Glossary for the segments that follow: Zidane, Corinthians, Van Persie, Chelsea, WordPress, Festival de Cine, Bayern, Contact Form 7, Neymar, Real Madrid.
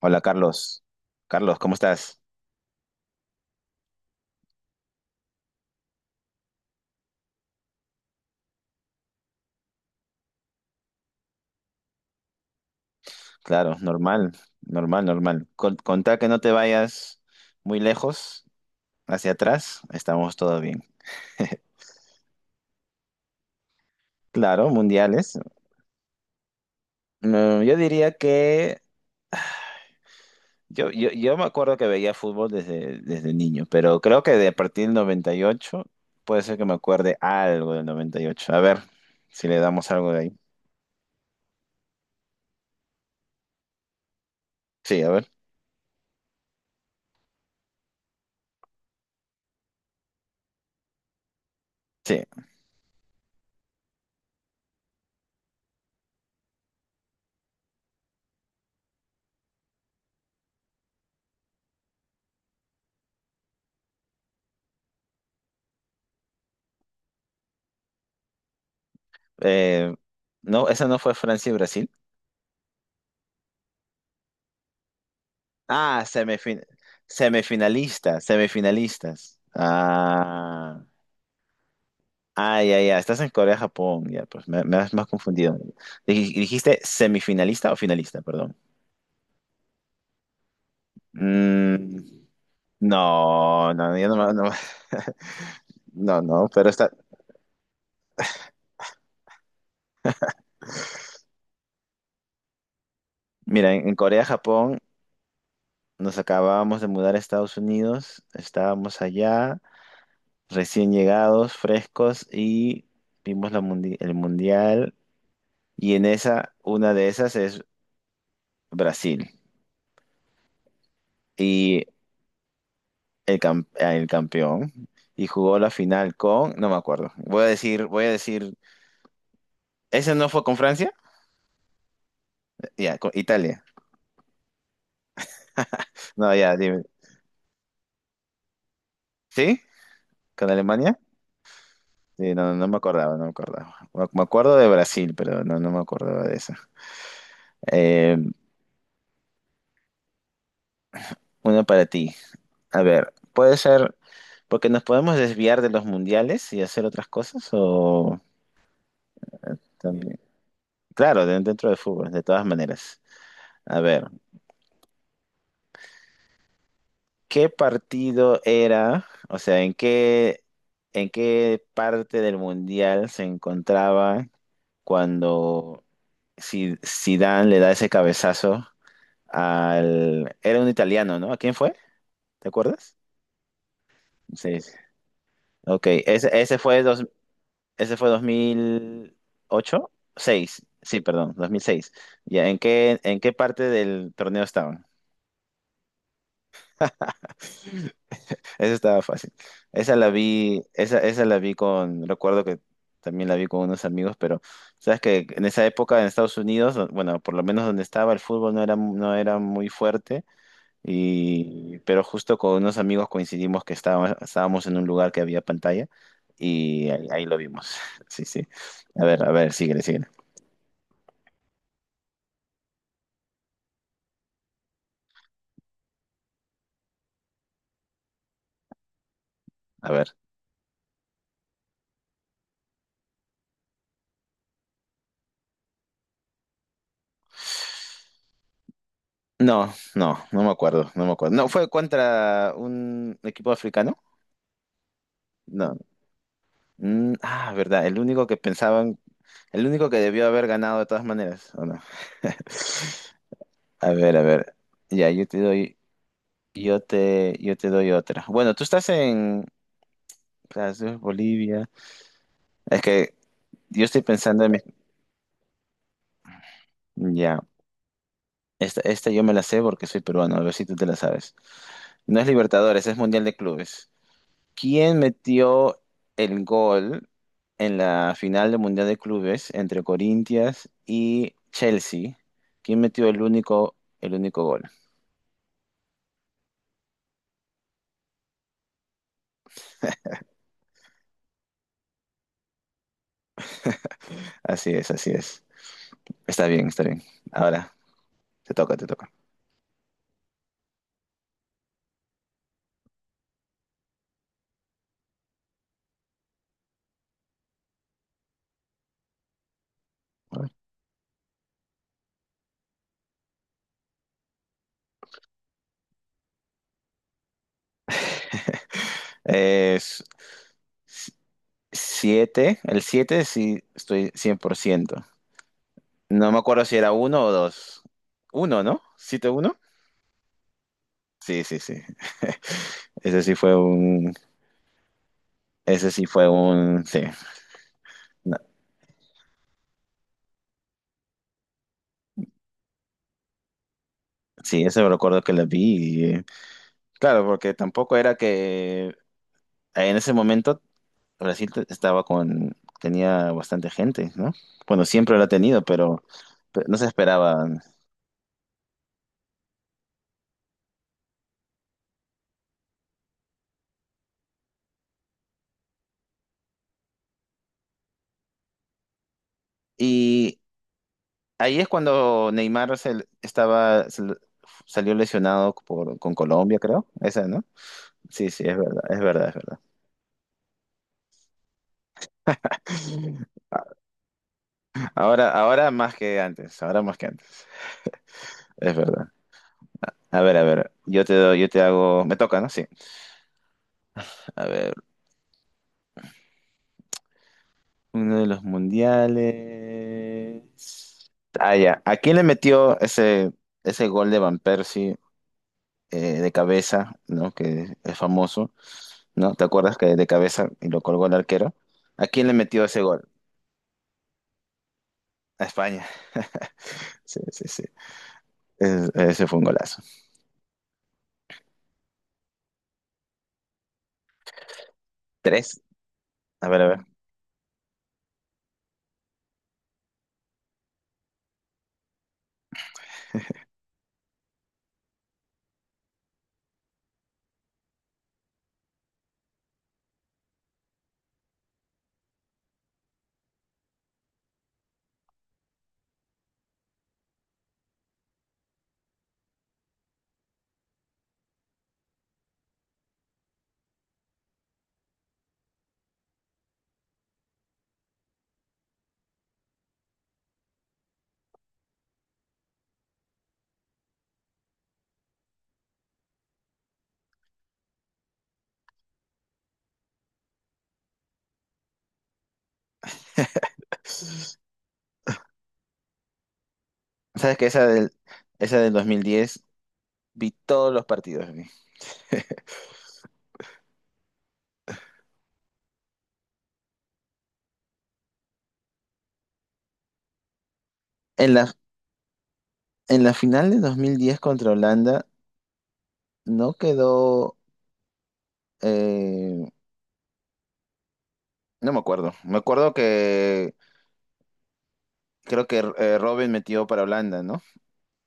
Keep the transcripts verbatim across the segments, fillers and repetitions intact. Hola Carlos. Carlos, ¿cómo estás? Claro, normal, normal, normal. Con, con que no te vayas muy lejos, hacia atrás, estamos todo bien. Claro, mundiales. Mm, yo diría que yo, yo, yo me acuerdo que veía fútbol desde, desde niño, pero creo que de a partir del noventa y ocho, puede ser que me acuerde algo del noventa y ocho. A ver si le damos algo de ahí. Sí, a ver. Sí. Eh, no, esa no fue Francia y Brasil. Ah, semifin- semifinalistas, semifinalistas. Ah, ah, ya, ya. Estás en Corea, Japón. Ya, pues me, me has más confundido. Dij- ¿Dijiste semifinalista o finalista? Perdón. Mm, no, no, no, yo no, me- no, me- no, no, pero está. Mira, en, en Corea, Japón, nos acabábamos de mudar a Estados Unidos. Estábamos allá, recién llegados, frescos, y vimos la mundi- el mundial. Y en esa, una de esas es Brasil. Y el, cam- ah, el campeón. Y jugó la final con, no me acuerdo. Voy a decir, voy a decir, ¿ese no fue con Francia? Ya, con Italia. No, ya, dime. ¿Sí? ¿Con Alemania? Sí, no, no me acordaba, no me acordaba. Me me acuerdo de Brasil, pero no, no me acordaba de eso. Eh, una para ti. A ver, puede ser, porque nos podemos desviar de los mundiales y hacer otras cosas, o también. Claro, de- dentro de fútbol, de todas maneras. A ver. ¿Qué partido era? O sea, ¿en qué, ¿en qué parte del mundial se encontraba cuando Si- Zidane le da ese cabezazo al... Era un italiano, ¿no? ¿A quién fue? ¿Te acuerdas? Sí. Sí. Ok, ese, ese fue dos, ese fue dos mil ocho seis. Sí, perdón, dos mil seis. Ya, ¿en qué, ¿en qué parte del torneo estaban? Esa estaba fácil. Esa la vi, esa, esa la vi con, recuerdo que también la vi con unos amigos, pero sabes que en esa época en Estados Unidos, do- bueno, por lo menos donde estaba el fútbol no era, no era muy fuerte, y, pero justo con unos amigos coincidimos que estábamos, estábamos en un lugar que había pantalla y ahí, ahí lo vimos. Sí, sí. A ver, a ver, síguele, síguele. A ver. No, no, no me acuerdo, no me acuerdo. ¿No fue contra un equipo africano? No. Mm, ah, verdad, el único que pensaban, el único que debió haber ganado de todas maneras, ¿o no? A ver, a ver. Ya, yo te doy, yo te, yo te doy otra. Bueno, tú estás en clases Bolivia. Es que yo estoy pensando en mi- Ya. Esta, esta yo me la sé porque soy peruano, a ver si tú te la sabes. No es Libertadores, es Mundial de Clubes. ¿Quién metió el gol en la final del Mundial de Clubes entre Corinthians y Chelsea? ¿Quién metió el único, el único gol? Así es, así es. Está bien, está bien. Ahora, te toca, te toca. Es siete, el siete sí estoy cien por ciento. No me acuerdo si era uno o dos. Uno, no Siete uno. Sí, sí, sí. Ese sí fue un... Ese sí fue un... Sí. No, Sí, eso me recuerdo que la vi. Y, eh, claro, porque tampoco era que en ese momento Brasil te- estaba con, tenía bastante gente, ¿no? Bueno, siempre lo ha tenido, pero, pero no se esperaba. Y ahí es cuando Neymar se- estaba, se- salió lesionado por, con Colombia, creo. Esa, ¿no? Sí, sí, es verdad, es verdad, es verdad. Ahora, ahora más que antes, ahora más que antes, es verdad. A ver, a ver, yo te doy, yo te hago, me toca, ¿no? Sí. A ver. Uno de los mundiales. Ah, ya. ¿A quién le metió ese, ese gol de Van Persie eh, de cabeza, ¿no? Que es famoso, ¿no? ¿Te acuerdas que de cabeza y lo colgó el arquero? ¿A quién le metió ese gol? A España. Sí, sí, sí. Es- ese fue un golazo. Tres. A ver, a ver. ¿Sabes que esa del, ¿esa del dos mil diez vi todos los partidos? Vi. En la, en la final de dos mil diez contra Holanda no quedó eh, No me acuerdo. Me acuerdo que creo que eh, Robin metió para Holanda, ¿no?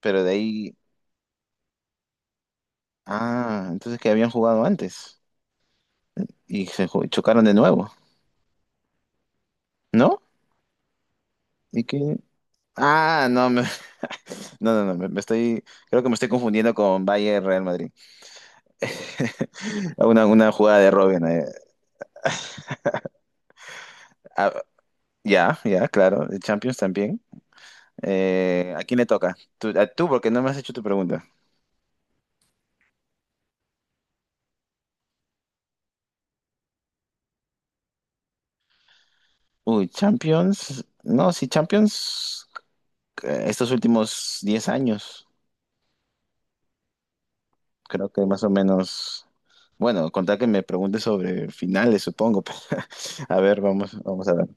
Pero de ahí. Ah, entonces que habían jugado antes. Y se ju- chocaron de nuevo, ¿no? ¿Y que Ah, no, me- no, no, no, me, me estoy. Creo que me estoy confundiendo con Bayern Real Madrid. Una, una jugada de Robin. eh. Ah, ya, ya, claro. De Champions también. Eh, ¿a quién le toca? Tú, a tú, porque no me has hecho tu pregunta. Uy, Champions. No, sí, Champions. eh, estos últimos diez años, creo que más o menos, bueno, contar que me pregunte sobre finales, supongo. Pero, a ver, vamos, vamos a ver.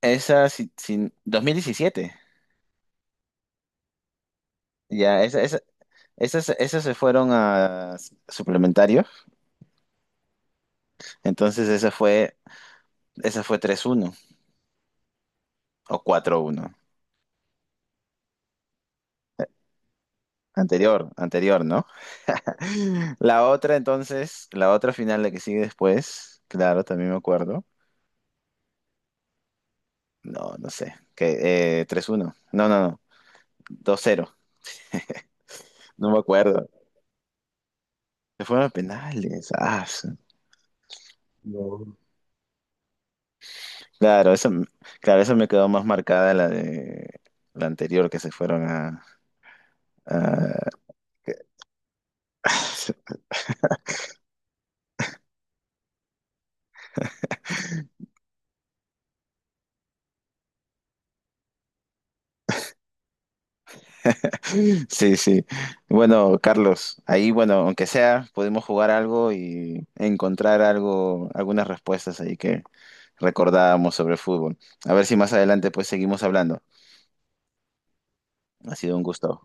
Esa, si, si- dos mil diecisiete, ya, esa, esa- esas, esas se fueron a suplementario, entonces esa fue, esa fue tres uno o cuatro uno Anterior, anterior, ¿no? La otra entonces, la otra final, la que sigue después, claro, también me acuerdo. No, no sé. Que, eh, tres uno. No, no, no. Dos cero No me acuerdo. Se fueron a penales. Ah, su- No. Claro, eso, claro, eso me quedó más marcada la de la anterior que se fueron a, a- Sí, sí. Bueno, Carlos, ahí, bueno, aunque sea, pudimos jugar algo y encontrar algo, algunas respuestas ahí que recordábamos sobre el fútbol. A ver si más adelante pues seguimos hablando. Ha sido un gusto.